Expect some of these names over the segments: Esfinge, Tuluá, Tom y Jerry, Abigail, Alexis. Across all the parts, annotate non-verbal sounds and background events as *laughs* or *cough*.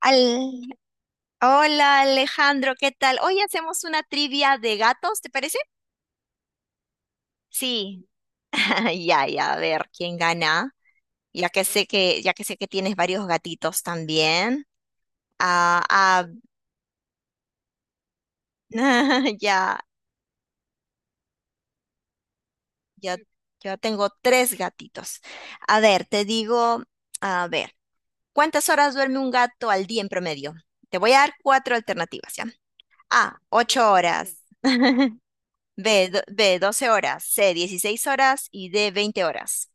Al... Hola Alejandro, ¿qué tal? Hoy hacemos una trivia de gatos, ¿te parece? Sí, *laughs* ya, ya, a ver quién gana, ya que sé que tienes varios gatitos también. Ah, ah, *laughs* ya, yo, yo tengo tres gatitos. A ver, te digo, a ver, ¿cuántas horas duerme un gato al día en promedio? Te voy a dar cuatro alternativas, ¿ya? A, 8 horas. *laughs* B, B, 12 horas, C, 16 horas y D, 20 horas.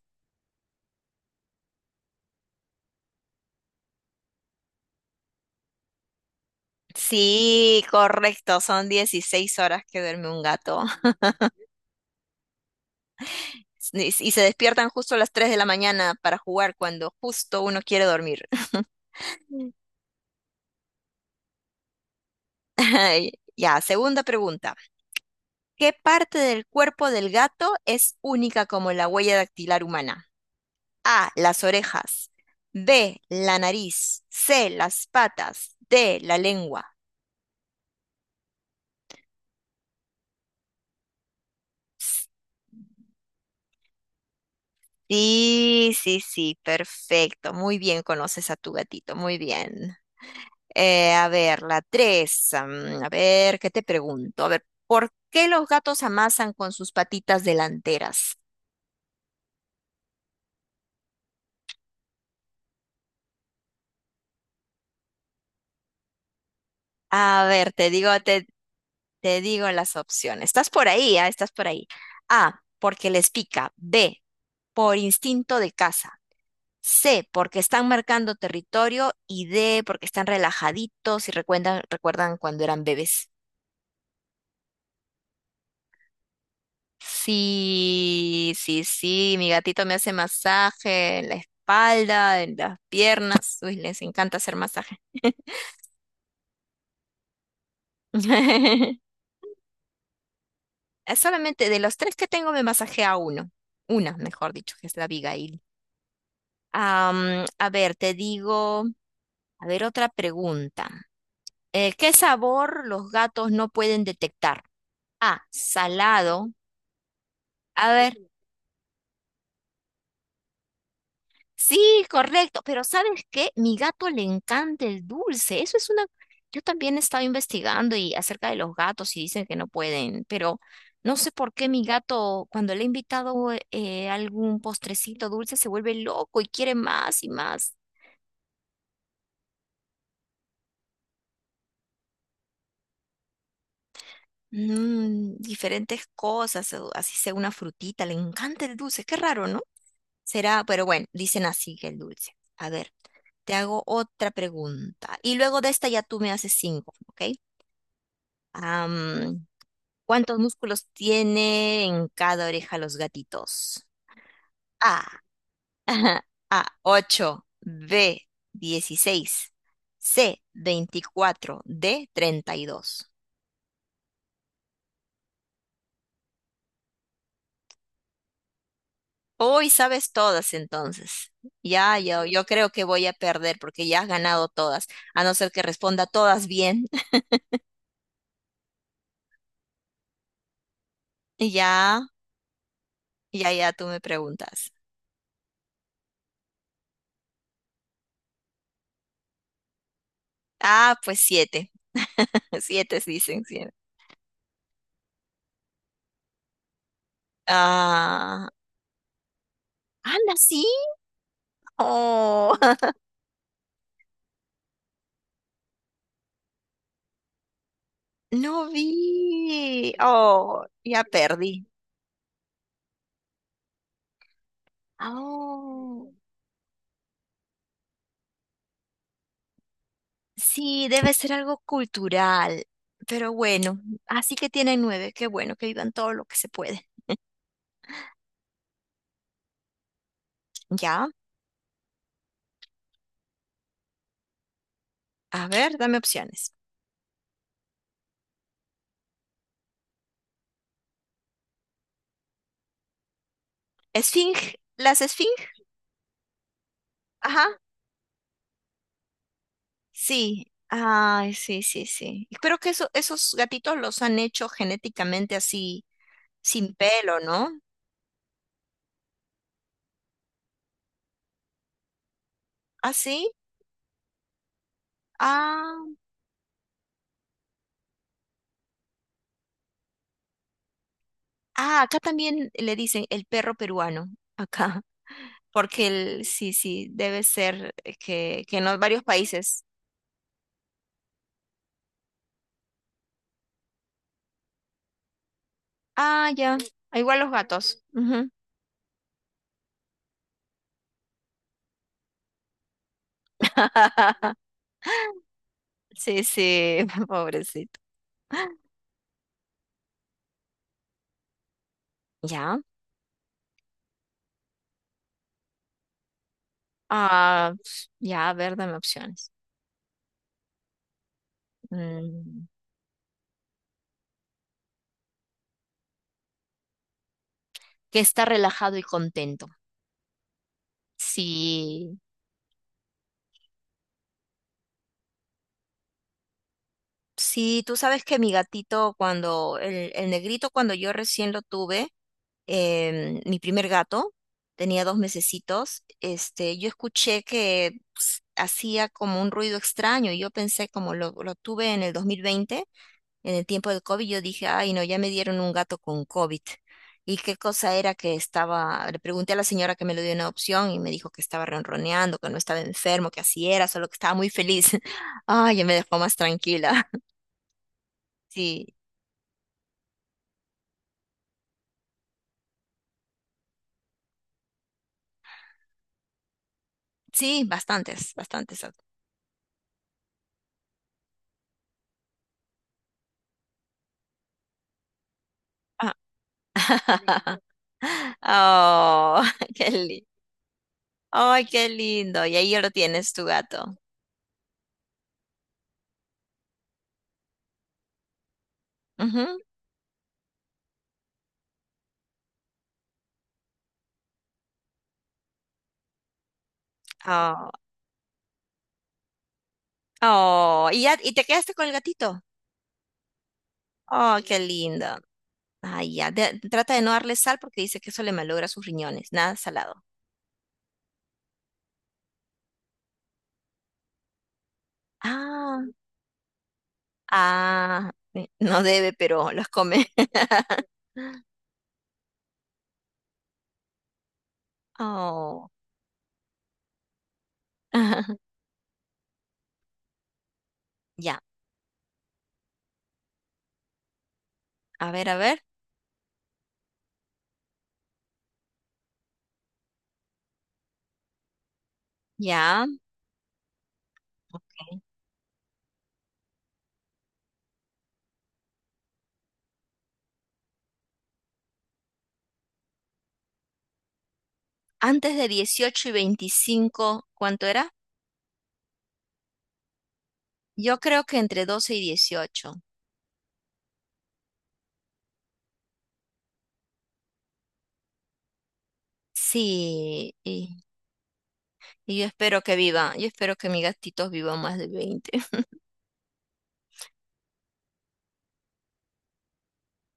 Sí, correcto, son 16 horas que duerme un gato. *laughs* Y se despiertan justo a las 3 de la mañana para jugar cuando justo uno quiere dormir. *laughs* Ay, ya, segunda pregunta. ¿Qué parte del cuerpo del gato es única como la huella dactilar humana? A, las orejas. B, la nariz. C, las patas. D, la lengua. Sí, sí, sí, perfecto. Muy bien, conoces a tu gatito, muy bien. A ver, la tres. A ver, ¿qué te pregunto? A ver, ¿por qué los gatos amasan con sus patitas delanteras? A ver, te digo las opciones. Estás por ahí. A, porque les pica. B, por instinto de caza. C, porque están marcando territorio. Y D, porque están relajaditos y recuerdan cuando eran bebés. Sí, sí, sí, mi gatito me hace masaje en la espalda, en las piernas. Uy, les encanta hacer masaje. *laughs* Solamente de los tres que tengo me masajea uno. Una, mejor dicho, que es la Abigail. A ver, te digo, a ver, otra pregunta. ¿Qué sabor los gatos no pueden detectar? A, salado. A sí, correcto, pero ¿sabes qué? Mi gato le encanta el dulce. Eso es una... Yo también he estado investigando y acerca de los gatos y dicen que no pueden, pero no sé por qué mi gato, cuando le he invitado algún postrecito dulce, se vuelve loco y quiere más y más. Diferentes cosas, o así sea una frutita, le encanta el dulce. Qué raro, ¿no? Será, pero bueno, dicen así que el dulce. A ver, te hago otra pregunta. Y luego de esta ya tú me haces cinco, ¿ok? Am, ¿cuántos músculos tiene en cada oreja los gatitos? A. *laughs* A, 8, B, 16, C, 24, D, 32. Hoy sabes todas entonces. Ya, yo creo que voy a perder porque ya has ganado todas. A no ser que responda todas bien. *laughs* Ya, ya, ya, tú me preguntas. Ah, pues siete. *laughs* Siete sí, dicen siete. Ah, anda, sí. Oh. *laughs* No vi. Oh, ya perdí. Oh, sí, debe ser algo cultural. Pero bueno, así que tienen nueve. Qué bueno que vivan todo lo que se puede. Ya. A ver, dame opciones. Esfinge. ¿Las esfinge? Ajá. Sí. Ay, sí, sí, sí. Creo que eso, esos gatitos los han hecho genéticamente así, sin pelo, ¿no? ¿Así? ¿Ah, sí? Ah, ah, acá también le dicen el perro peruano. Acá. Porque el, sí, sí, debe ser que en los varios países. Ah, ya. Ah, igual los gatos. Ujú. *laughs* Sí, sí, *laughs* pobrecito. Ya, ah, pues, ya, a ver, dame opciones. Mm, que está relajado y contento. Sí, sí, tú sabes que mi gatito, cuando el negrito, cuando yo recién lo tuve, mi primer gato, tenía dos mesecitos, este, yo escuché que ps, hacía como un ruido extraño y yo pensé como lo tuve en el 2020, en el tiempo del COVID, yo dije, ay no, ya me dieron un gato con COVID. ¿Y qué cosa era que estaba? Le pregunté a la señora que me lo dio una opción y me dijo que estaba ronroneando, que no estaba enfermo, que así era, solo que estaba muy feliz. *laughs* Ay, ya me dejó más tranquila. *laughs* Sí, sí, bastantes, bastantes. *laughs* Ah. *laughs* Oh, *laughs* qué lindo. Ay, qué lindo. Y ahí lo tienes, tu gato. Ujú. Oh, oh. ¿Y, ya, y te quedaste con el gatito? Oh, qué lindo. Ay, ya. De- trata de no darle sal porque dice que eso le malogra sus riñones. Nada salado. Ah, ah. No debe, pero los come. *laughs* Oh. *laughs* Ya. A ver, a ver. Ya. ¿Antes de 18 y 25 cuánto era? Yo creo que entre 12 y 18. Sí, y- Y yo espero que viva, yo espero que mis gatitos vivan más de 20. *laughs*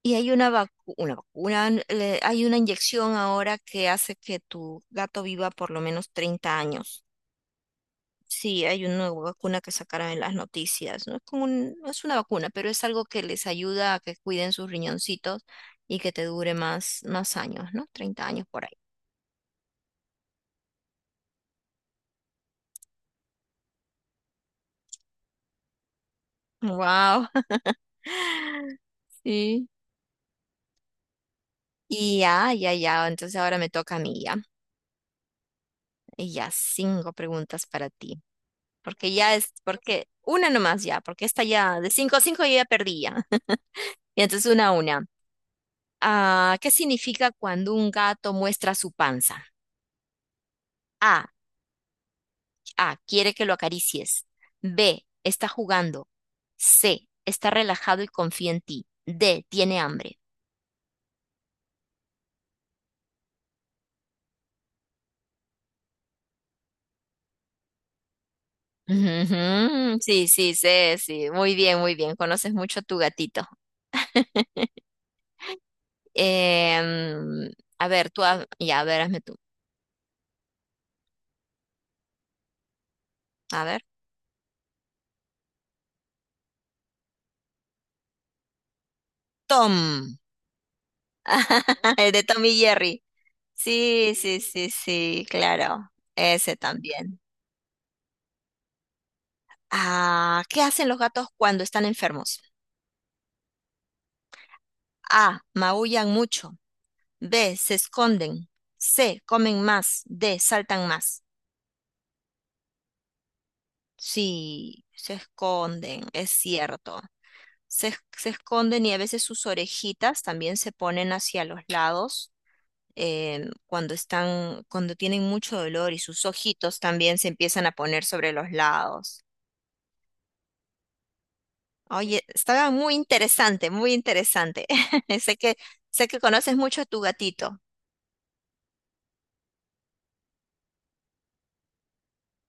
Y hay una una vacuna, hay una inyección ahora que hace que tu gato viva por lo menos 30 años. Sí, hay una vacuna que sacaron en las noticias. No es como no es una vacuna, pero es algo que les ayuda a que cuiden sus riñoncitos y que te dure más, más años, ¿no? 30 años por ahí. Wow. *laughs* Sí. Y ya, ya, ya. Entonces ahora me toca a mí ya. Y ya, cinco preguntas para ti. Porque ya es, porque una nomás ya, porque esta ya, de cinco a cinco yo ya perdí ya. *laughs* Y entonces una a una. Ah, ¿qué significa cuando un gato muestra su panza? A, A, quiere que lo acaricies. B, está jugando. C, está relajado y confía en ti. D, tiene hambre. *laughs* Ujú, sí, sí, sí, sí. Muy bien, muy bien. Conoces mucho a tu gatito. *laughs* Em, a ver, tú, ya, a ver, hazme tú. A ver. Tom. *laughs* El de Tom y Jerry. Sí, sí, sí, sí, claro. Ese también. Ah, ¿qué hacen los gatos cuando están enfermos? A. Maullan mucho. B. Se esconden. C. Comen más. D. Saltan más. Sí, se esconden, es cierto. Se, es- se esconden y a veces sus orejitas también se ponen hacia los lados cuando están, cuando tienen mucho dolor y sus ojitos también se empiezan a poner sobre los lados. Oye, estaba muy interesante, muy interesante. *laughs* Sé que, sé que conoces mucho a tu gatito.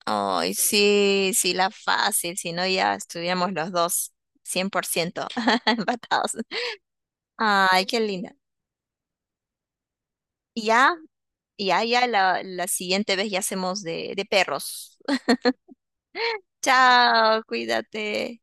Ay, sí, sí, la fácil, si no ya estuviéramos los dos 100% *laughs* empatados. Ay, qué linda. Y ya, ya, ya, la siguiente vez ya hacemos de perros. *laughs* Chao, cuídate.